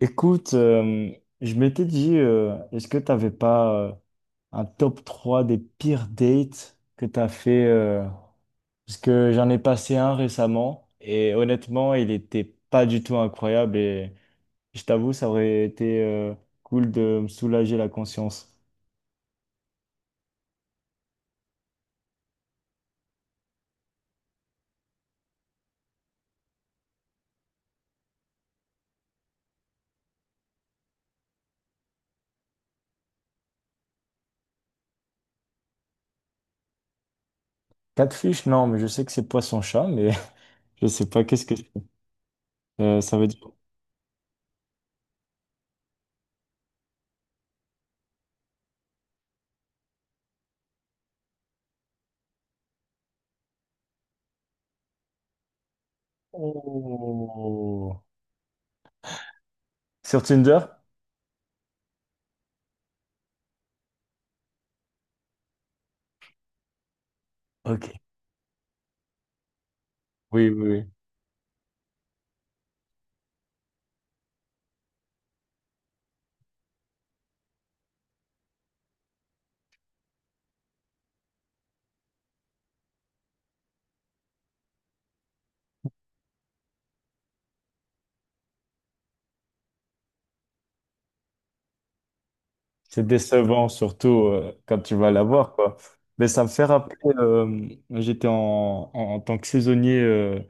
Écoute, je m'étais dit, est-ce que tu n'avais pas un top 3 des pires dates que tu as fait parce que j'en ai passé un récemment et honnêtement, il n'était pas du tout incroyable et je t'avoue, ça aurait été cool de me soulager la conscience. Catfish, non, mais je sais que c'est poisson-chat, mais je sais pas qu'est-ce que ça veut dire. Oh. Sur Tinder? Ok. Oui, oui, oui. C'est décevant, surtout quand tu vas l'avoir, quoi. Mais ça me fait rappeler, j'étais en tant que saisonnier euh,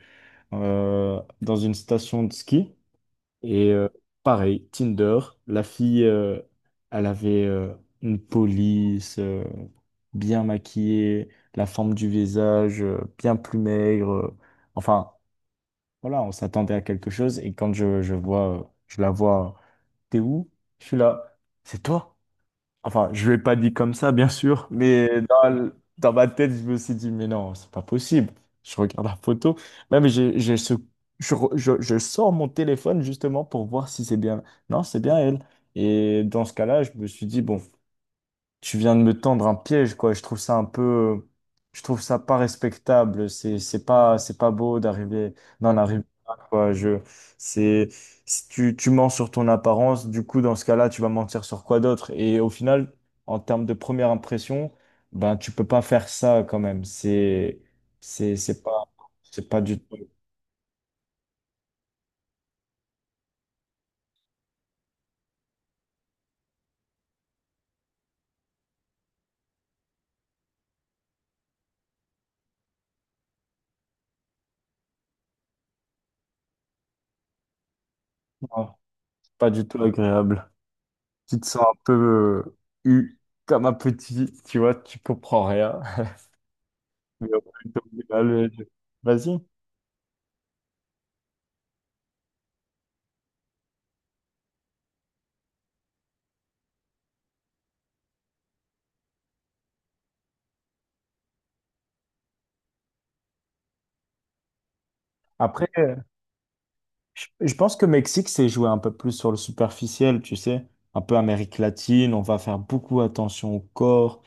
euh, dans une station de ski. Et pareil, Tinder, la fille, elle avait une police, bien maquillée, la forme du visage, bien plus maigre. Enfin, voilà, on s'attendait à quelque chose. Et quand je vois, je la vois, t'es où? Je suis là, c'est toi? Enfin, je ne l'ai pas dit comme ça, bien sûr, mais dans ma tête, je me suis dit, mais non, c'est pas possible. Je regarde la photo. Même, j'ai ce, je sors mon téléphone justement pour voir si c'est bien. Non, c'est bien elle. Et dans ce cas-là, je me suis dit, bon, tu viens de me tendre un piège, quoi. Je trouve ça un peu, je trouve ça pas respectable. C'est pas beau d'arriver, d'en arriver là, quoi. C'est, Si tu mens sur ton apparence. Du coup, dans ce cas-là, tu vas mentir sur quoi d'autre? Et au final, en termes de première impression, ben, tu peux pas faire ça quand même. C'est, c'est pas, c'est pas du tout, pas du tout agréable. Tu te sens un peu eu comme un petit, tu vois, tu comprends rien. Mais au plutôt je- vas-y. Après, je pense que Mexique, c'est joué un peu plus sur le superficiel, tu sais. Un peu Amérique latine, on va faire beaucoup attention au corps,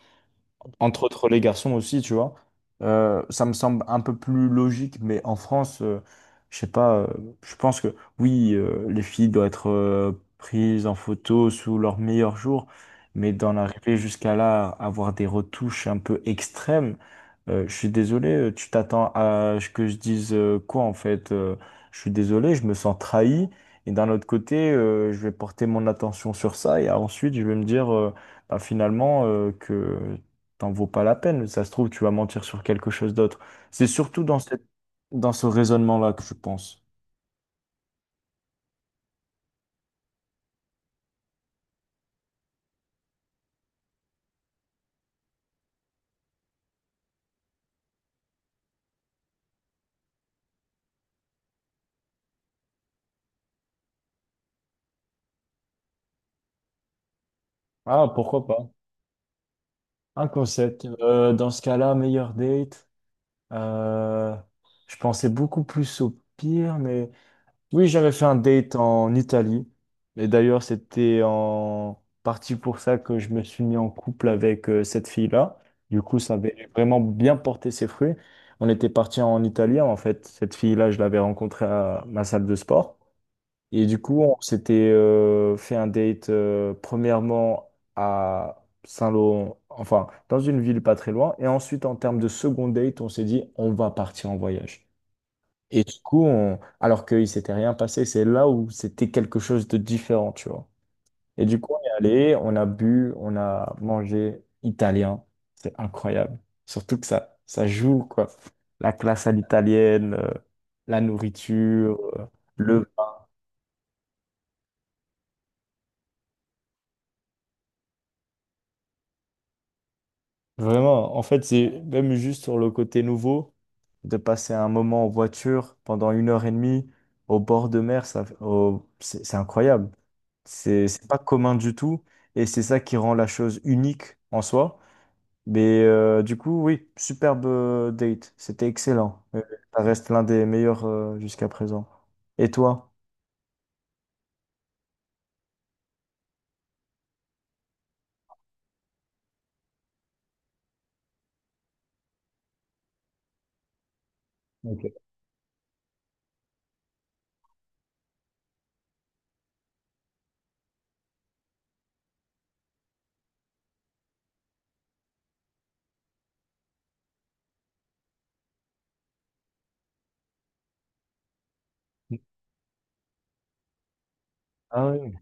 entre autres les garçons aussi, tu vois. Ça me semble un peu plus logique, mais en France, je sais pas, je pense que oui, les filles doivent être prises en photo sous leur meilleur jour, mais d'en arriver jusqu'à là, avoir des retouches un peu extrêmes, je suis désolé, tu t'attends à ce que je dise quoi en fait? Je suis désolé, je me sens trahi. Et d'un autre côté, je vais porter mon attention sur ça et ensuite je vais me dire bah, finalement que t'en vaut pas la peine. Ça se trouve, tu vas mentir sur quelque chose d'autre. C'est surtout dans dans ce raisonnement-là que je pense. Ah, pourquoi pas? Un concept. Dans ce cas-là, meilleur date. Euh, je pensais beaucoup plus au pire, mais oui, j'avais fait un date en Italie. Et d'ailleurs, c'était en partie pour ça que je me suis mis en couple avec cette fille-là. Du coup, ça avait vraiment bien porté ses fruits. On était parti en Italie. En fait, cette fille-là, je l'avais rencontrée à ma salle de sport. Et du coup, on s'était fait un date premièrement à Saint-Lô, enfin dans une ville pas très loin. Et ensuite, en termes de second date, on s'est dit on va partir en voyage. Et du coup, alors qu'il s'était rien passé, c'est là où c'était quelque chose de différent, tu vois. Et du coup, on est allé, on a bu, on a mangé italien. C'est incroyable. Surtout que ça joue, quoi. La classe à l'italienne, la nourriture, le vraiment, en fait, c'est même juste sur le côté nouveau, de passer un moment en voiture pendant 1 h 30 au bord de mer, c'est incroyable. C'est pas commun du tout et c'est ça qui rend la chose unique en soi. Mais du coup, oui, superbe date, c'était excellent. Ça reste l'un des meilleurs jusqu'à présent. Et toi? Ok. Ah oui,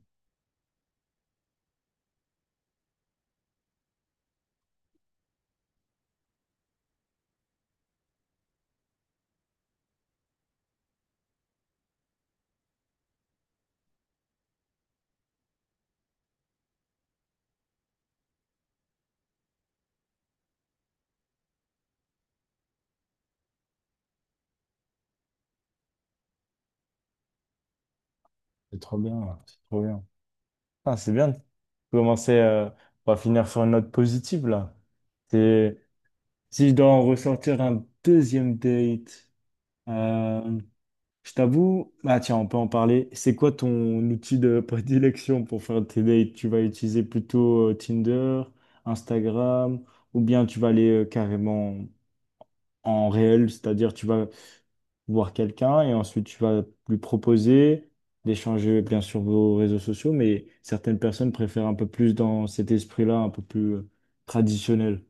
c'est trop bien, c'est trop bien. Ah, c'est bien. Commencer, on va finir sur une note positive là. C'est- Si je dois en ressortir un deuxième date, euh, je t'avoue, ah tiens, on peut en parler. C'est quoi ton outil de prédilection pour faire tes dates? Tu vas utiliser plutôt Tinder, Instagram, ou bien tu vas aller carrément en réel, c'est-à-dire tu vas voir quelqu'un et ensuite tu vas lui proposer d'échanger bien sûr vos réseaux sociaux, mais certaines personnes préfèrent un peu plus dans cet esprit-là, un peu plus traditionnel.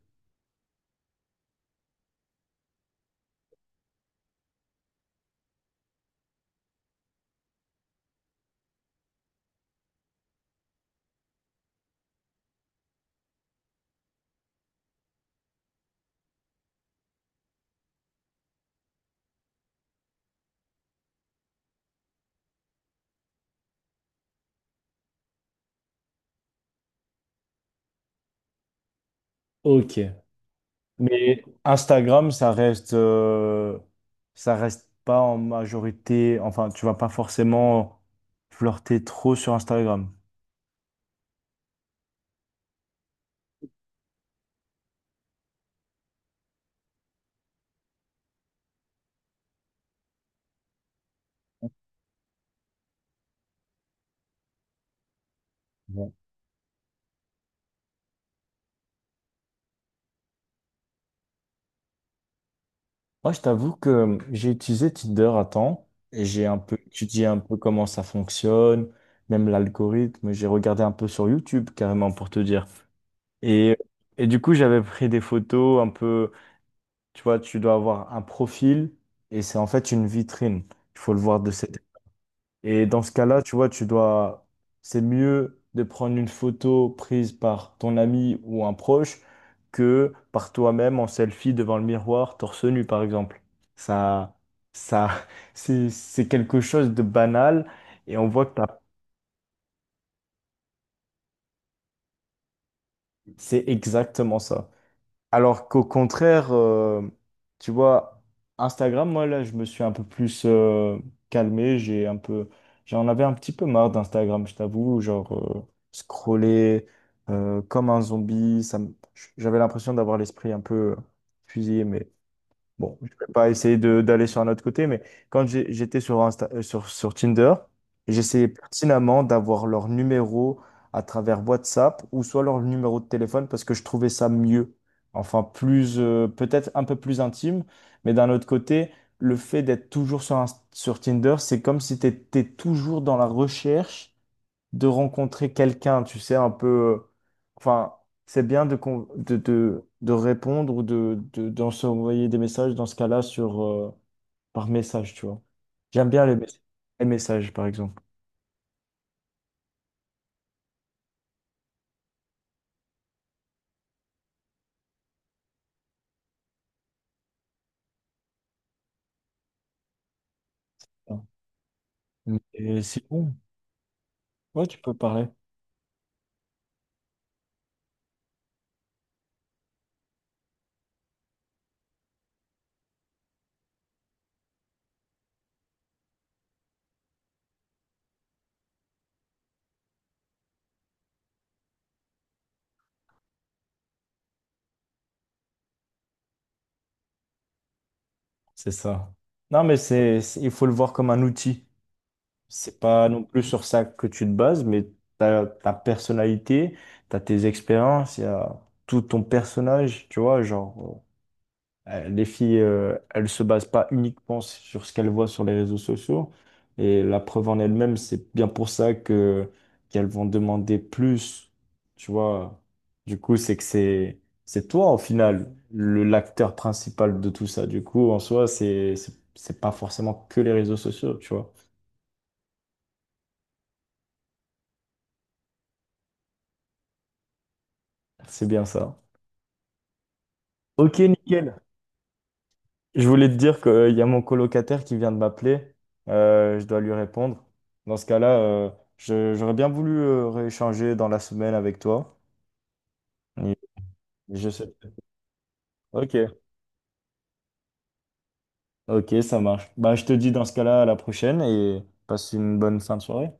Ok. Mais Instagram, ça reste pas en majorité. Enfin, tu vas pas forcément flirter trop sur Instagram. Moi, je t'avoue que j'ai utilisé Tinder à temps et j'ai un peu étudié un peu comment ça fonctionne, même l'algorithme. J'ai regardé un peu sur YouTube carrément pour te dire. Et, et du coup, j'avais pris des photos un peu, tu vois, tu dois avoir un profil et c'est en fait une vitrine. Il faut le voir de cette et dans ce cas-là, tu vois, tu dois, c'est mieux de prendre une photo prise par ton ami ou un proche que par toi-même en selfie devant le miroir, torse nu, par exemple. Ça, ça, c'est quelque chose de banal et on voit que c'est exactement ça. Alors qu'au contraire, tu vois, Instagram, moi là, je me suis un peu plus calmé. J'ai un peu, j'en avais un petit peu marre d'Instagram, je t'avoue. Genre, euh, scroller comme un zombie, j'avais l'impression d'avoir l'esprit un peu fusillé. Mais bon, je vais pas essayer de d'aller sur un autre côté, mais quand j'étais sur sur Tinder, j'essayais pertinemment d'avoir leur numéro à travers WhatsApp ou soit leur numéro de téléphone parce que je trouvais ça mieux. Enfin, plus peut-être un peu plus intime, mais d'un autre côté, le fait d'être toujours sur Tinder, c'est comme si tu étais toujours dans la recherche de rencontrer quelqu'un, tu sais, un peu... enfin, c'est bien de répondre ou d'en s'envoyer des messages dans ce cas-là sur, par message, tu vois. J'aime bien les messages, par exemple. Et c'est bon. Ouais, tu peux parler. C'est ça. Non, mais il faut le voir comme un outil. C'est pas non plus sur ça que tu te bases, mais t'as ta personnalité, t'as tes expériences, il y a tout ton personnage, tu vois, genre. Les filles, elles se basent pas uniquement sur ce qu'elles voient sur les réseaux sociaux. Et la preuve en elle-même, c'est bien pour ça que qu'elles vont demander plus. Tu vois, du coup, c'est que c'est toi au final le l'acteur principal de tout ça. Du coup, en soi, c'est pas forcément que les réseaux sociaux. Tu vois, c'est bien ça. Ok, nickel. Je voulais te dire qu'il y a mon colocataire qui vient de m'appeler. Je dois lui répondre. Dans ce cas-là, j'aurais bien voulu rééchanger dans la semaine avec toi. Et je sais. Ok, ok, ça marche. Bah, je te dis dans ce cas-là à la prochaine et passe une bonne fin de soirée.